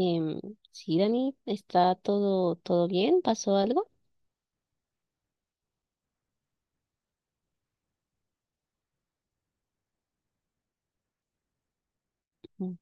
Em, sí, Dani, ¿está todo, bien? ¿Pasó algo? Mm.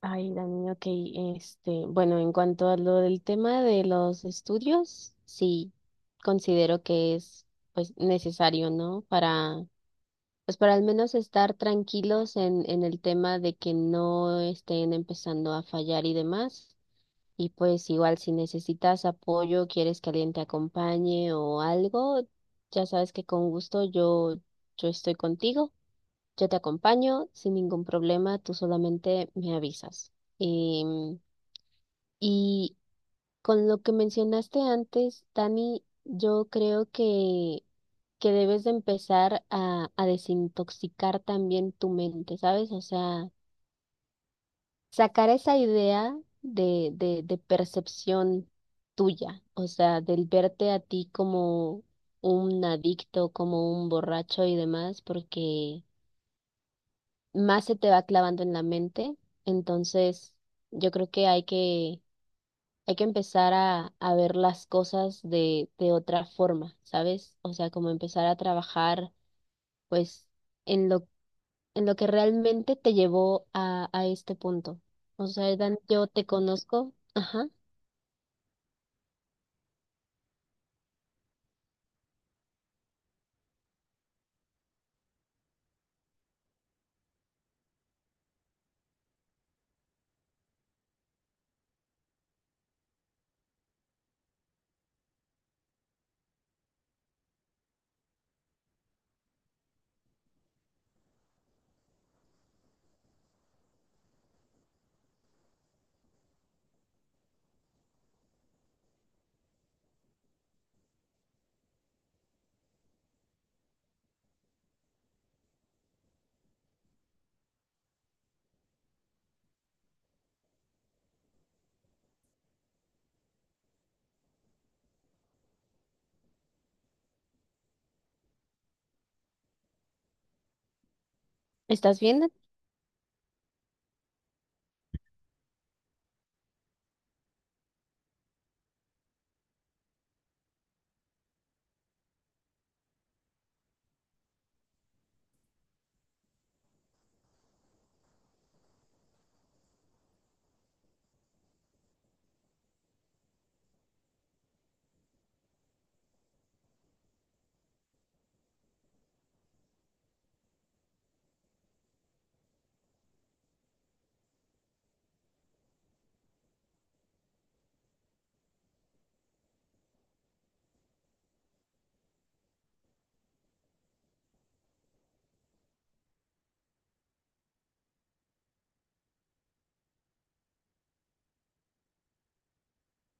Ay, Dani, ok, bueno, en cuanto a lo del tema de los estudios, sí, considero que es, pues, necesario, ¿no? Para, pues, para al menos estar tranquilos en, el tema de que no estén empezando a fallar y demás. Y pues, igual, si necesitas apoyo, quieres que alguien te acompañe o algo, ya sabes que con gusto yo estoy contigo. Yo te acompaño sin ningún problema, tú solamente me avisas. Em, y con lo que mencionaste antes, Dani, yo creo que debes de empezar a desintoxicar también tu mente, ¿sabes? O sea, sacar esa idea de percepción tuya, o sea, del verte a ti como un adicto, como un borracho y demás, porque más se te va clavando en la mente. Entonces, yo creo que hay que empezar a ver las cosas de, otra forma, ¿sabes? O sea, como empezar a trabajar, pues, en en lo que realmente te llevó a este punto. O sea, Dan, yo te conozco. Ajá. ¿Estás bien, Dan?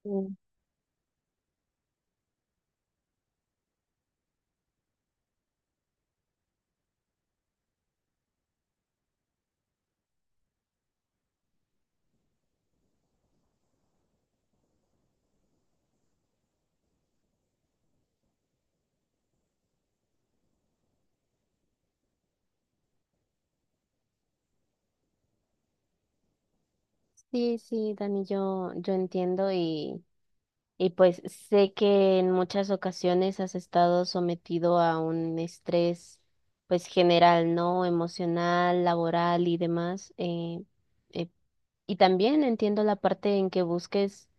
Mm. Sí, sí, Dani, yo entiendo. Y pues sé que en muchas ocasiones has estado sometido a un estrés, pues general, ¿no? Emocional, laboral y demás. Eh, y también entiendo la parte en que busques,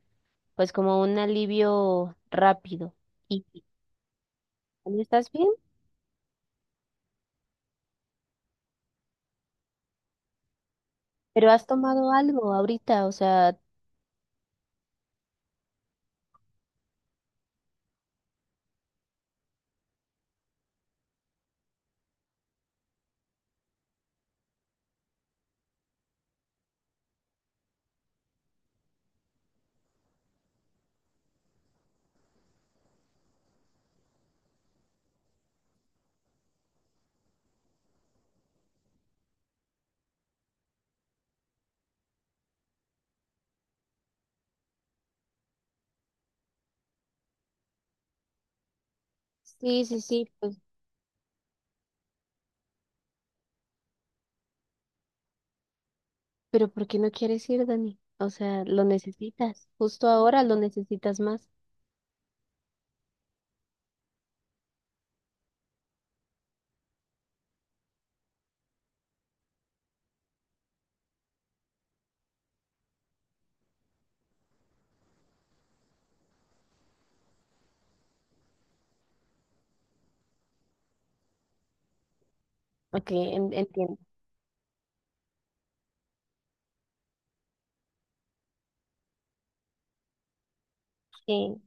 pues como un alivio rápido. Y ¿estás bien? Pero ¿has tomado algo ahorita? O sea, sí, sí, sí, pues, pero ¿por qué no quieres ir, Dani? O sea, lo necesitas, justo ahora lo necesitas más. Ok, entiendo. Sí.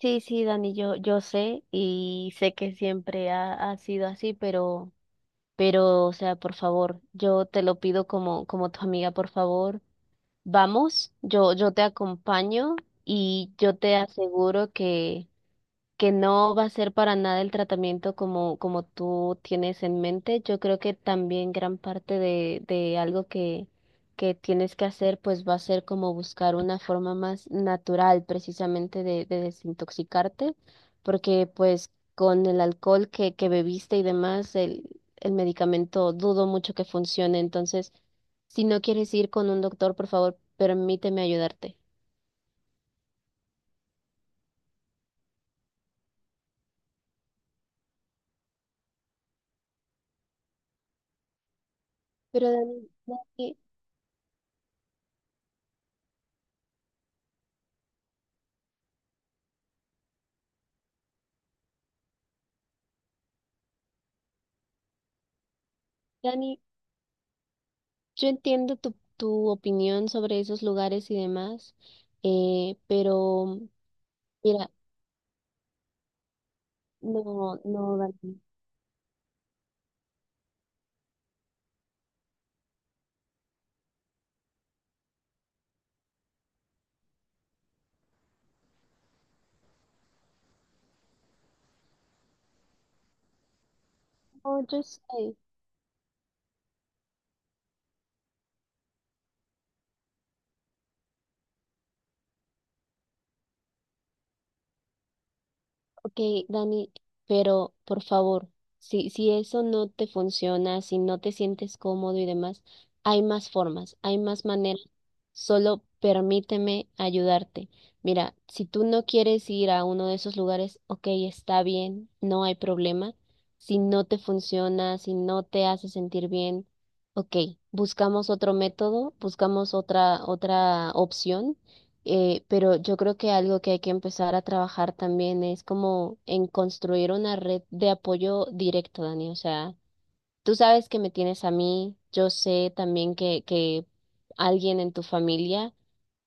Sí, sí, Dani, yo sé, y sé que siempre ha sido así, pero, o sea, por favor, yo te lo pido como, como tu amiga, por favor, vamos, yo te acompaño y yo te aseguro que no va a ser para nada el tratamiento como, como tú tienes en mente. Yo creo que también gran parte de algo que tienes que hacer, pues va a ser como buscar una forma más natural precisamente de desintoxicarte, porque pues con el alcohol que bebiste y demás, el medicamento dudo mucho que funcione. Entonces, si no quieres ir con un doctor, por favor, permíteme ayudarte. Pero Dani, Dani, yo entiendo tu opinión sobre esos lugares y demás, pero mira, no, no, Dani. No, yo sé. Ok, Dani, pero por favor, si eso no te funciona, si no te sientes cómodo y demás, hay más formas, hay más maneras. Solo permíteme ayudarte. Mira, si tú no quieres ir a uno de esos lugares, ok, está bien, no hay problema. Si no te funciona, si no te hace sentir bien, ok, buscamos otro método, buscamos otra opción. Pero yo creo que algo que hay que empezar a trabajar también es como en construir una red de apoyo directo, Dani. O sea, tú sabes que me tienes a mí, yo sé también que alguien en tu familia,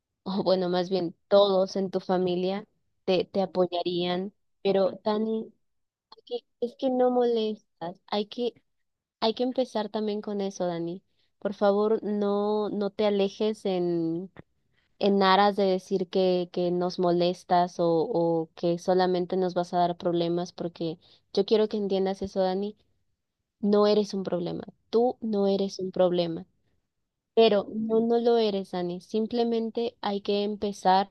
o bueno, más bien todos en tu familia, te apoyarían. Pero, Dani, es que no molestas. Hay que empezar también con eso, Dani. Por favor, no te alejes en aras de decir que nos molestas o que solamente nos vas a dar problemas, porque yo quiero que entiendas eso, Dani, no eres un problema, tú no eres un problema, pero no, no lo eres, Dani, simplemente hay que empezar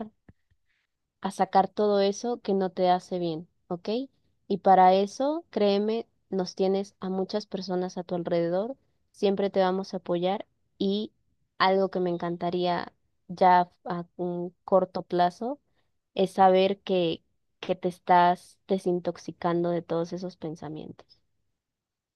a sacar todo eso que no te hace bien, ¿ok? Y para eso, créeme, nos tienes a muchas personas a tu alrededor, siempre te vamos a apoyar y algo que me encantaría ya a un corto plazo es saber que te estás desintoxicando de todos esos pensamientos.